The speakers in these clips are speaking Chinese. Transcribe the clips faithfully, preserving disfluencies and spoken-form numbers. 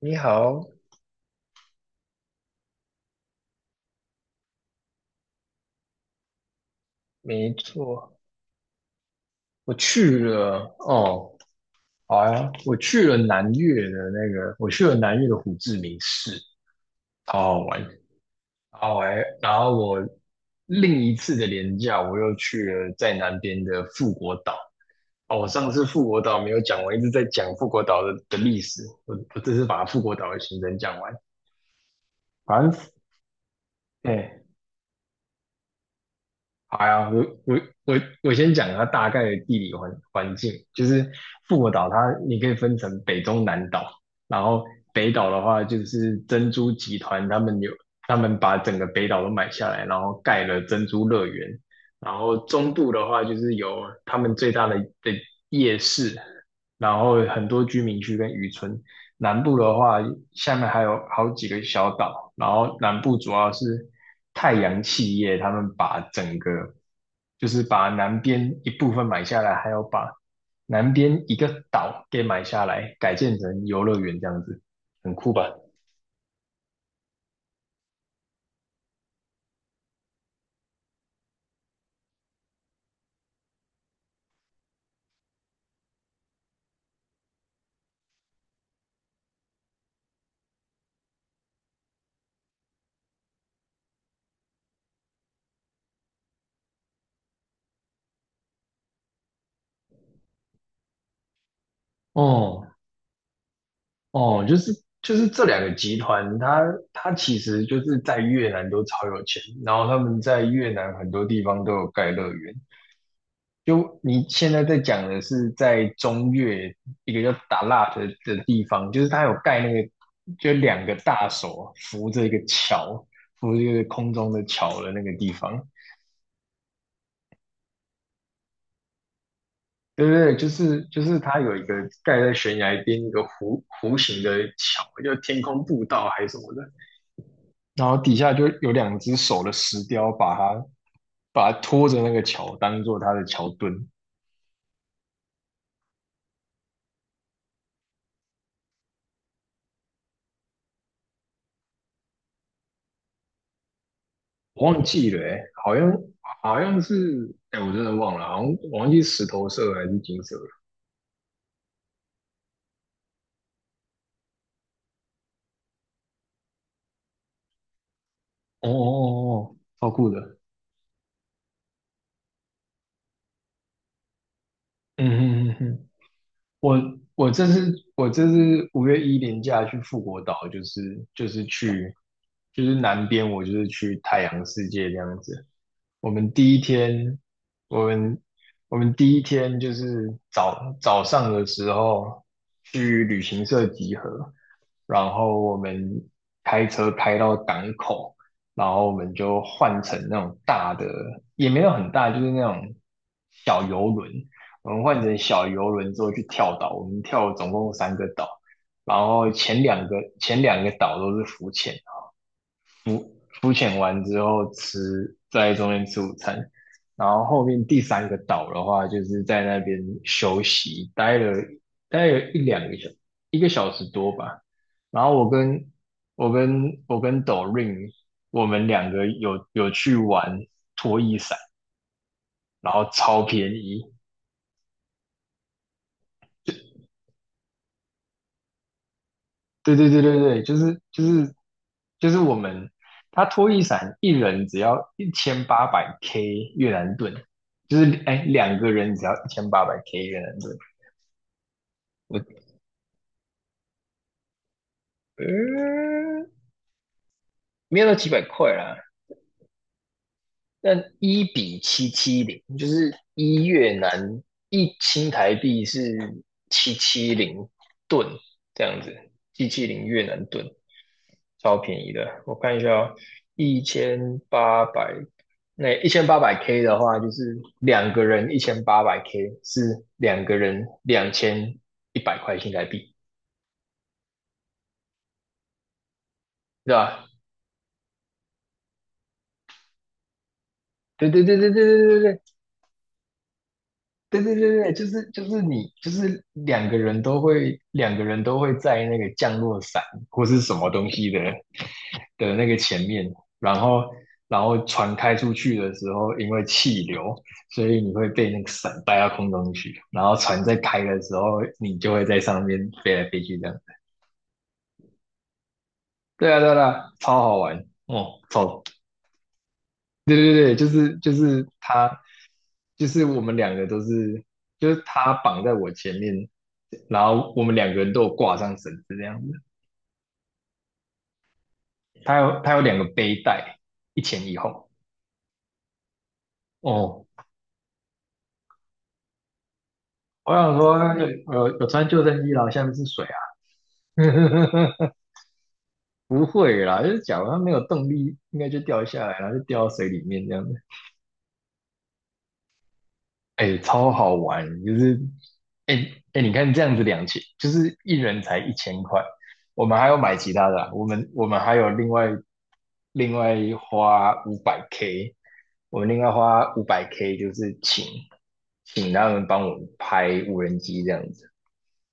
你好，没错，我去了哦，好呀，我去了南越的那个，我去了南越的胡志明市，好好玩，好玩。然后我另一次的连假，我又去了在南边的富国岛。哦，我上次富国岛没有讲完，一直在讲富国岛的的历史，我我这次把富国岛的行程讲完。反正，哎、好呀，我我我我先讲它大概的地理环环境，就是复活岛它你可以分成北中南岛，然后北岛的话就是珍珠集团他们有他们把整个北岛都买下来，然后盖了珍珠乐园，然后中部的话就是有他们最大的的夜市，然后很多居民区跟渔村，南部的话，下面还有好几个小岛，然后南部主要是太阳企业，他们把整个就是把南边一部分买下来，还要把南边一个岛给买下来，改建成游乐园这样子，很酷吧？哦哦，就是就是这两个集团，它它其实就是在越南都超有钱，然后他们在越南很多地方都有盖乐园。就你现在在讲的是在中越一个叫达腊的的地方，就是它有盖那个，就两个大手扶着一个桥，扶着一个空中的桥的那个地方，对对对，就是就是它有一个盖在悬崖边一个弧弧形的桥，叫天空步道还是什么的，然后底下就有两只手的石雕把它把它拖着那个桥当做它的桥墩，我忘记了、欸，好像好像是，哎、我真的忘了，好像我忘记石头色还是金色了。哦哦哦，哦超酷的。嗯嗯嗯嗯我我这次我这次五月一连假去富国岛，就是就是去就是南边，我就是去太阳世界这样子。我们第一天，我们我们第一天就是早早上的时候去旅行社集合，然后我们开车开到港口，然后我们就换乘那种大的，也没有很大，就是那种小游轮，我们换成小游轮之后去跳岛，我们跳了总共三个岛，然后前两个前两个岛都是浮潜，浮浮潜完之后吃在中间吃午餐，然后后面第三个岛的话就是在那边休息，待了待了一两个小一个小时多吧，然后我跟我跟我跟抖 r i n 我们两个有有去玩拖衣伞，然后超便宜。对对对对对，就是就是就是我们，他拖一伞一人只要一千八百 K 越南盾，就是哎两个人只要一千八百 K 越南盾，我嗯，没有到几百块啦，那一比七七零，就是一越南一新台币是七七零盾这样子，七七零越南盾，超便宜的。我看一下哦，一千八百，那一千八百 K 的话，就是两个人一千八百 K 是两个人两千一百块新台币，对吧？对对对对对对对对，对对对对，就是就是你就是两个人都会两个人都会在那个降落伞或是什么东西的的那个前面，然后然后船开出去的时候，因为气流，所以你会被那个伞带到空中去，然后船在开的时候，你就会在上面飞来飞去这样。对啊对啊，对啊超好玩哦，超对对对，就是就是他，就是我们两个都是，就是他绑在我前面，然后我们两个人都有挂上绳子这样子。他有他有两个背带，一前一后。哦，我想说，有有有穿救生衣啦，下面是水啊。不会啦，就是假如他没有动力，应该就掉下来，然后就掉到水里面这样子。哎，超好玩，就是哎哎，你看这样子两千，就是一人才一千块，我们还要买其他的啊我们我们还有另外另外花五百 K，我们另外花五百 K 就是请请他们帮我们拍无人机这样子，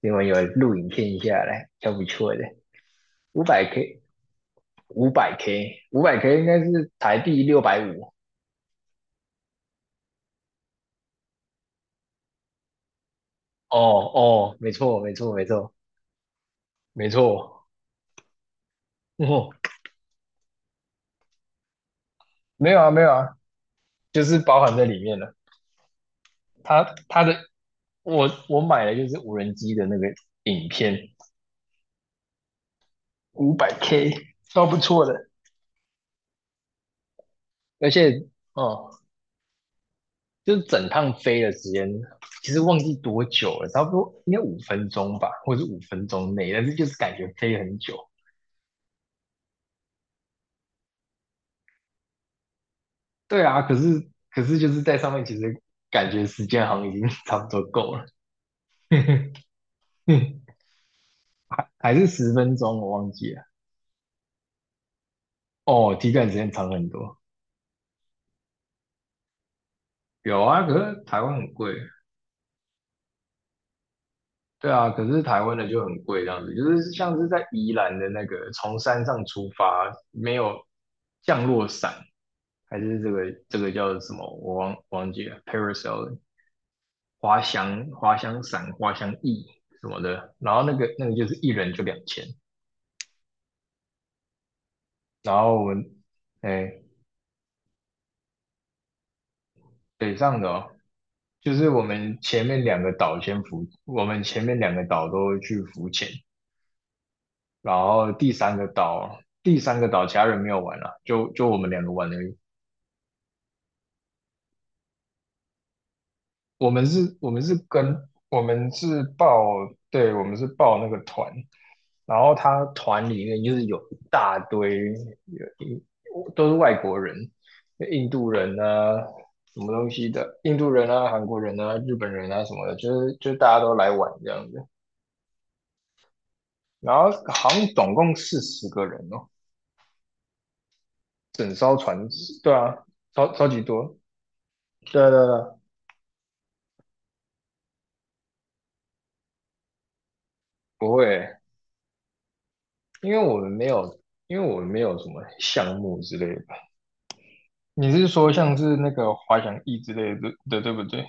因为有录影片下来，还不错的，五百 K 五百 K 五百 K 应该是台币六百五，哦哦，没错没错没错没错，哇没有啊，没有啊，就是包含在里面了。它它的我我买的就是无人机的那个影片，五百 K，超不错的。而且哦，就是整趟飞的时间，其实忘记多久了，差不多应该五分钟吧，或者是五分钟内，但是就是感觉飞很久。对啊，可是可是就是在上面，其实感觉时间好像已经 差不多够了，嗯还是十分钟，我忘记了。哦，体感时间长很多。有啊，可是台湾很贵。对啊，可是台湾的就很贵，这样子，就是像是在宜兰的那个从山上出发，没有降落伞，还是这个这个叫什么？我忘忘记了，parasail 滑翔滑翔伞、滑翔翼什么的。然后那个那个就是一人就两千。然后我们哎北上的哦就是我们前面两个岛先浮，我们前面两个岛都去浮潜，然后第三个岛，第三个岛其他人没有玩了，就就我们两个玩而已。我们是，我们是跟我们是报，对，我们是报那个团，然后他团里面就是有一大堆，有一都是外国人，印度人啊，什么东西的，印度人啊，韩国人啊，日本人啊什么的，就是就是大家都来玩这样子。然后好像总共四十个人哦，整艘船，对啊，超超级多。对啊对啊对啊，不会，因为我们没有，因为我们没有什么项目之类的。你是说像是那个滑翔翼之类的，的，对不对？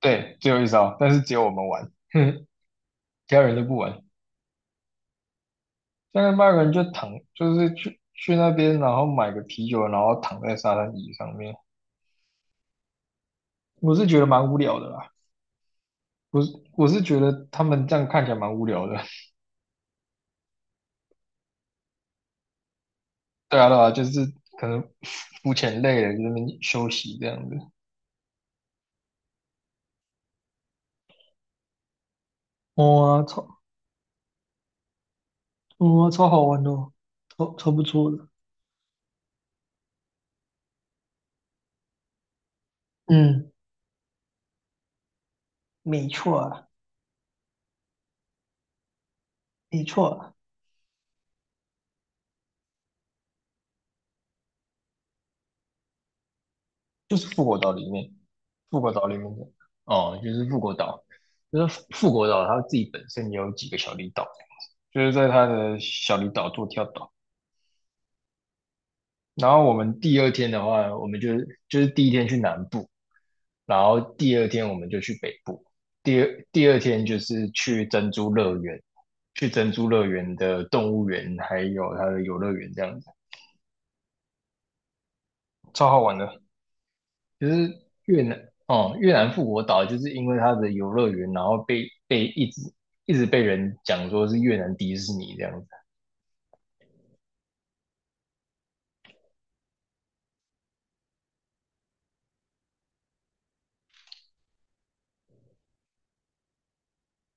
对，只有一招，但是只有我们玩，哼，其他人都不玩。像那国人就躺，就是去去那边，然后买个啤酒，然后躺在沙滩椅上面。我是觉得蛮无聊的啦，我是我是觉得他们这样看起来蛮无聊的。对啊对啊，就是可能肤浅累了，就在那边休息这样子。哇，超，哇超好玩哦，超超不错的。嗯，没错，没错，就是复活岛里面，复活岛里面的哦，就是复活岛，就是复活岛它自己本身也有几个小离岛，就是在它的小离岛做跳岛。然后我们第二天的话，我们就是就是第一天去南部，然后第二天我们就去北部，第二第二天就是去珍珠乐园，去珍珠乐园的动物园还有它的游乐园这样子，超好玩的。就是越南哦，越南富国岛就是因为它的游乐园，然后被被一直一直被人讲说是越南迪士尼这样子。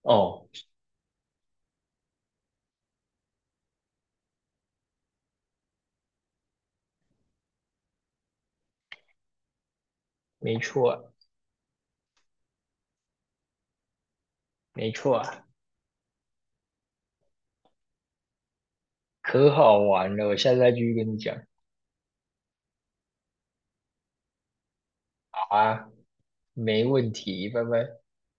哦，没错啊，没错啊，可好玩了，我下次再继续跟你讲。好啊，没问题，拜拜。